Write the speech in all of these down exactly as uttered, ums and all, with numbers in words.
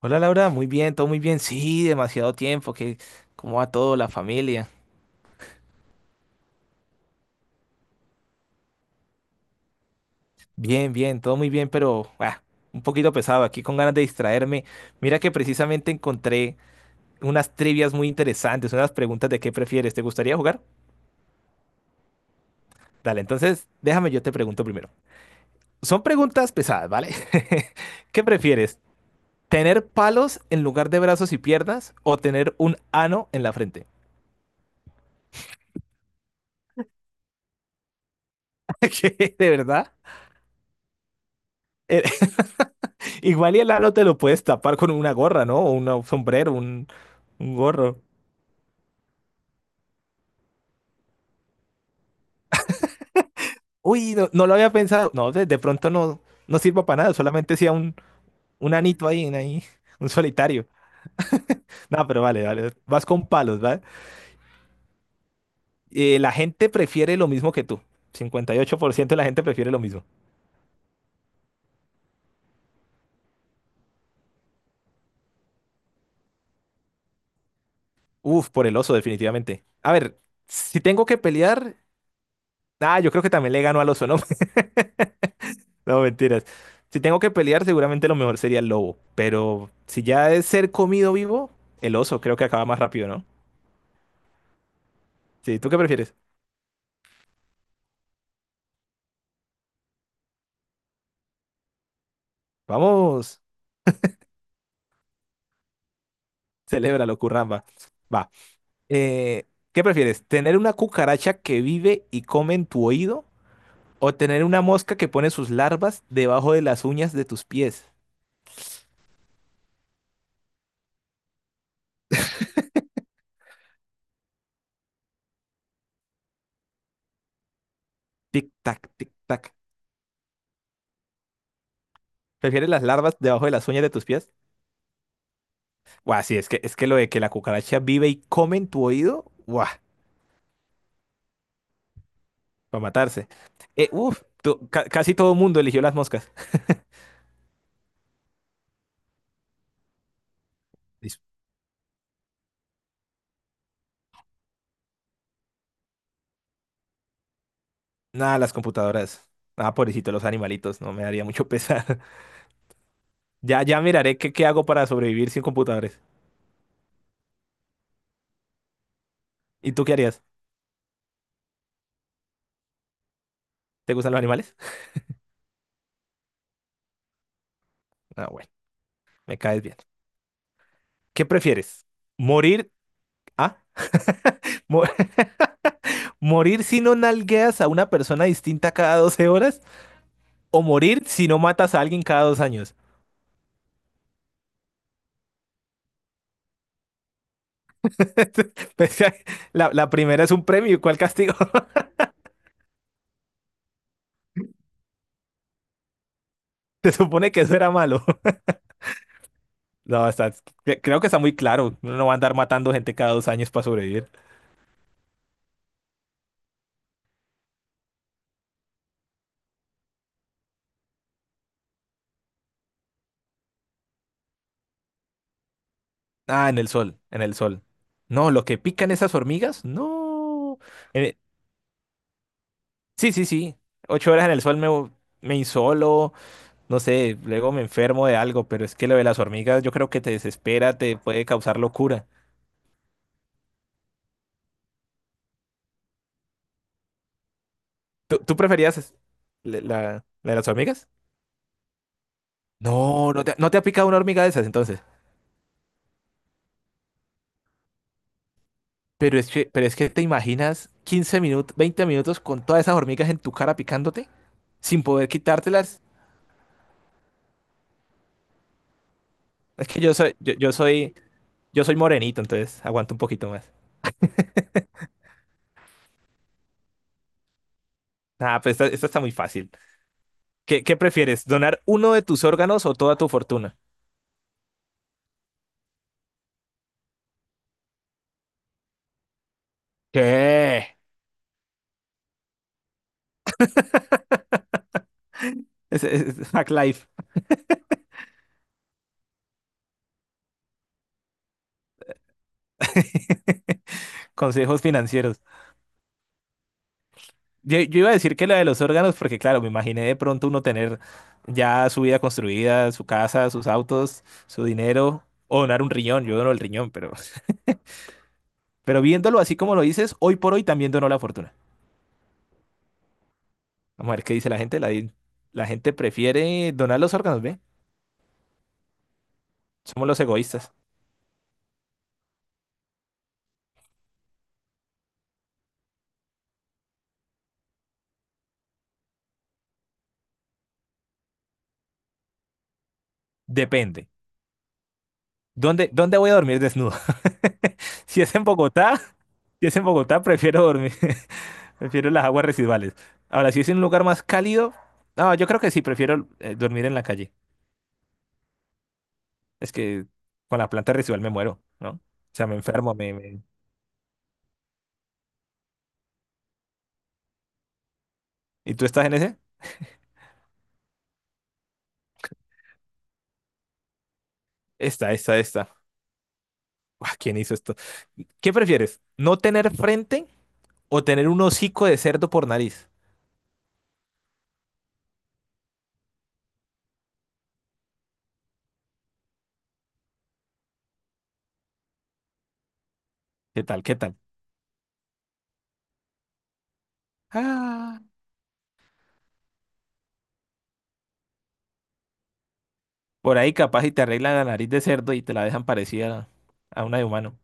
Hola Laura, muy bien, todo muy bien. Sí, demasiado tiempo, que cómo va todo, la familia. Bien, bien, todo muy bien, pero ah, un poquito pesado aquí con ganas de distraerme. Mira que precisamente encontré unas trivias muy interesantes, unas preguntas de qué prefieres. ¿Te gustaría jugar? Dale, entonces déjame yo te pregunto primero. Son preguntas pesadas, ¿vale? ¿Qué prefieres? ¿Tener palos en lugar de brazos y piernas o tener un ano en la frente? ¿Qué? ¿De verdad? Igual y el ano te lo puedes tapar con una gorra, ¿no? O una- un sombrero, un, un gorro. Uy, no, no lo había pensado. No, de, de pronto no, no sirva para nada, solamente sea un, un anito ahí, en ahí, un solitario. No, pero vale, vale. Vas con palos, ¿vale? Eh, la gente prefiere lo mismo que tú. cincuenta y ocho por ciento de la gente prefiere lo mismo. Uf, por el oso, definitivamente. A ver, si tengo que pelear, ah, yo creo que también le gano al oso, ¿no? No, mentiras. Si tengo que pelear, seguramente lo mejor sería el lobo. Pero si ya es ser comido vivo, el oso creo que acaba más rápido, ¿no? Sí, ¿tú qué prefieres? Vamos, celébralo, curramba. Va. Eh, ¿qué prefieres? ¿Tener una cucaracha que vive y come en tu oído? ¿O tener una mosca que pone sus larvas debajo de las uñas de tus pies? Tic tac, tic tac. ¿Prefieres las larvas debajo de las uñas de tus pies? Buah, sí, es que, es que lo de que la cucaracha vive y come en tu oído, ¡guau! Para matarse. Eh, uf, to- ca- casi todo el mundo eligió las moscas. Dice, nada, las computadoras. Ah, pobrecito, los animalitos, no me daría mucho pesar. Ya, ya miraré qué, qué hago para sobrevivir sin computadores. ¿Y tú qué harías? ¿Te gustan los animales? Ah, bueno, me caes bien. ¿Qué prefieres? ¿Morir? Ah, mo- ¿morir si no nalgueas a una persona distinta cada doce horas? ¿O morir si no matas a alguien cada dos años? Pues, La, la primera es un premio, ¿cuál castigo? Se supone que eso era malo. No, está, cre- creo que está muy claro. Uno no va a andar matando gente cada dos años para sobrevivir. Ah, en el sol, en el sol. No, lo que pican esas hormigas, no. Eh, sí, sí, sí. Ocho horas en el sol me, me insolo, no sé, luego me enfermo de algo, pero es que lo de las hormigas yo creo que te desespera, te puede causar locura. ¿Tú, tú preferías es- la, la- la de las hormigas? No, no te, no te ha picado una hormiga de esas entonces. Pero es que, pero es que te imaginas quince minutos, veinte minutos con todas esas hormigas en tu cara picándote sin poder quitártelas. Es que yo soy, yo, yo soy, yo soy morenito, entonces aguanto un poquito más. Ah, pues esta, esta está muy fácil. ¿Qué, qué prefieres? ¿Donar uno de tus órganos o toda tu fortuna? ¿Qué? Es, es- es Hack Life, consejos financieros. Yo, yo iba a decir que la de los órganos, porque claro, me imaginé de pronto uno tener ya su vida construida, su casa, sus autos, su dinero, o donar un riñón. Yo dono el riñón, pero. Pero viéndolo así como lo dices, hoy por hoy también donó la fortuna. Vamos a ver qué dice la gente. La, di- la gente prefiere donar los órganos, ¿ve? Somos los egoístas. Depende. ¿Dónde, dónde voy a dormir desnudo? Si es en Bogotá, si es en Bogotá, prefiero dormir. Prefiero las aguas residuales. Ahora, si es en un lugar más cálido, no, yo creo que sí, prefiero eh, dormir en la calle. Es que con la planta residual me muero, ¿no? O sea, me enfermo, me... me- ¿Y tú estás en ese? Esta, esta, esta. Ah, ¿quién hizo esto? ¿Qué prefieres? ¿No tener frente o tener un hocico de cerdo por nariz? ¿Qué tal? ¿Qué tal? Ah, por ahí capaz y te arreglan la nariz de cerdo y te la dejan parecida a una de humano.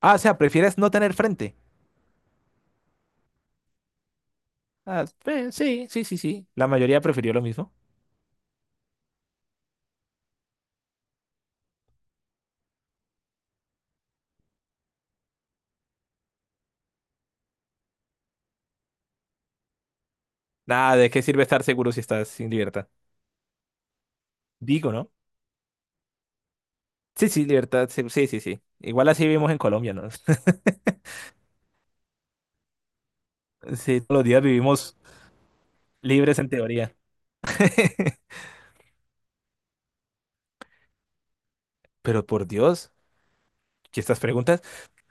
Ah, o sea, ¿prefieres no tener frente? Ah, eh, sí, sí, sí, sí. La mayoría prefirió lo mismo. Nada, ¿de qué sirve estar seguro si estás sin libertad? Digo, ¿no? Sí, sí, libertad. Sí, sí, sí, sí. Igual así vivimos en Colombia, ¿no? Sí, todos los días vivimos libres en teoría. Pero por Dios, y estas preguntas.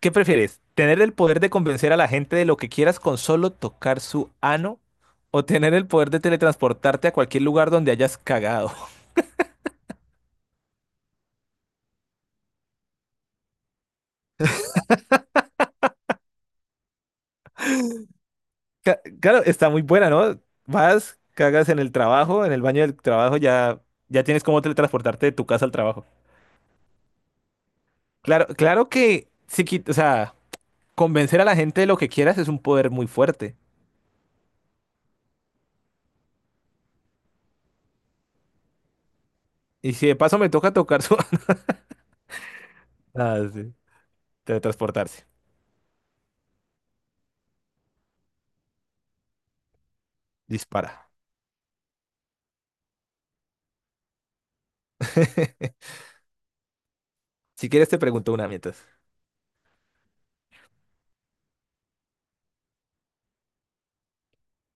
¿Qué prefieres? ¿Tener el poder de convencer a la gente de lo que quieras con solo tocar su ano? ¿O tener el poder de teletransportarte a cualquier lugar donde hayas cagado? Ca- Claro, está muy buena, ¿no? Vas, cagas en el trabajo, en el baño del trabajo, ya, ya tienes cómo teletransportarte de tu casa al trabajo. Claro, claro que sí, qui- o sea, convencer a la gente de lo que quieras es un poder muy fuerte. Y si de paso me toca tocar su ano, ah, sí, teletransportarse. Dispara. Si quieres te pregunto una mientras.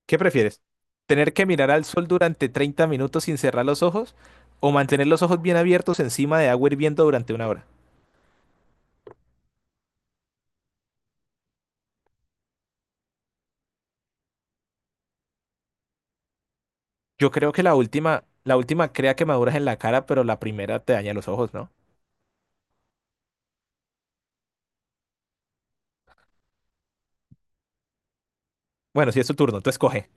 ¿Qué prefieres? ¿Tener que mirar al sol durante treinta minutos sin cerrar los ojos o mantener los ojos bien abiertos encima de agua hirviendo durante una hora? Yo creo que la última, la última crea quemaduras en la cara, pero la primera te daña los ojos, ¿no? Bueno, si es tu turno, tú escoge.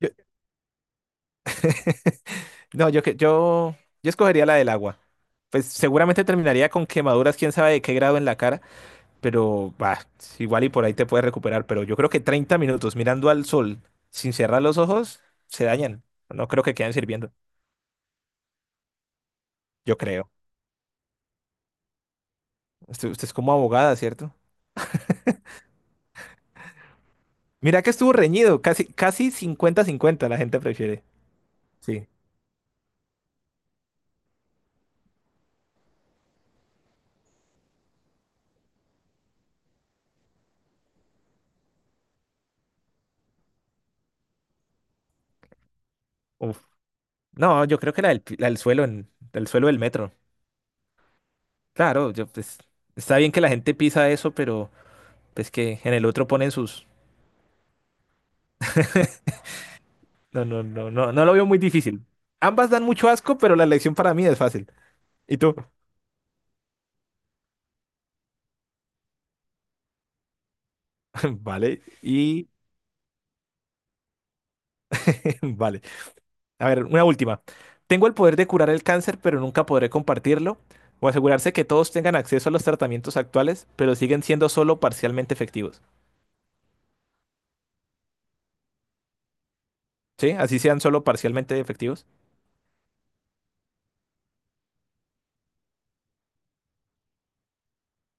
Yo- no, yo, que- yo, yo escogería la del agua. Pues seguramente terminaría con quemaduras, quién sabe de qué grado en la cara, pero va, igual y por ahí te puedes recuperar. Pero yo creo que treinta minutos mirando al sol sin cerrar los ojos se dañan. No creo que queden sirviendo. Yo creo. Usted, usted es como abogada, ¿cierto? Mira que estuvo reñido, casi, casi cincuenta-cincuenta. La gente prefiere. Sí. Uf. No, yo creo que la del, pi- la del suelo, en, del suelo del metro. Claro, yo, pues, está bien que la gente pisa eso, pero pues que en el otro ponen sus... No, no, no, no, no lo veo muy difícil. Ambas dan mucho asco, pero la elección para mí es fácil. ¿Y tú? Vale, y vale. A ver, una última. Tengo el poder de curar el cáncer, pero nunca podré compartirlo o asegurarse que todos tengan acceso a los tratamientos actuales, pero siguen siendo solo parcialmente efectivos. ¿Sí? Así sean solo parcialmente efectivos.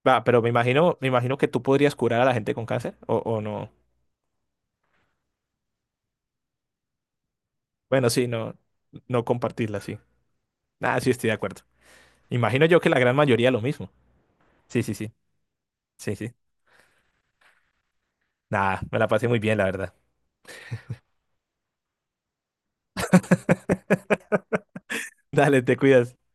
Va, pero me imagino, me imagino que tú podrías curar a la gente con cáncer o, o no. Bueno, sí, no, no compartirla, sí. Ah, sí, estoy de acuerdo. Imagino yo que la gran mayoría lo mismo. Sí, sí, sí. Sí, sí. Nada, me la pasé muy bien, la verdad. Dale, te cuidas.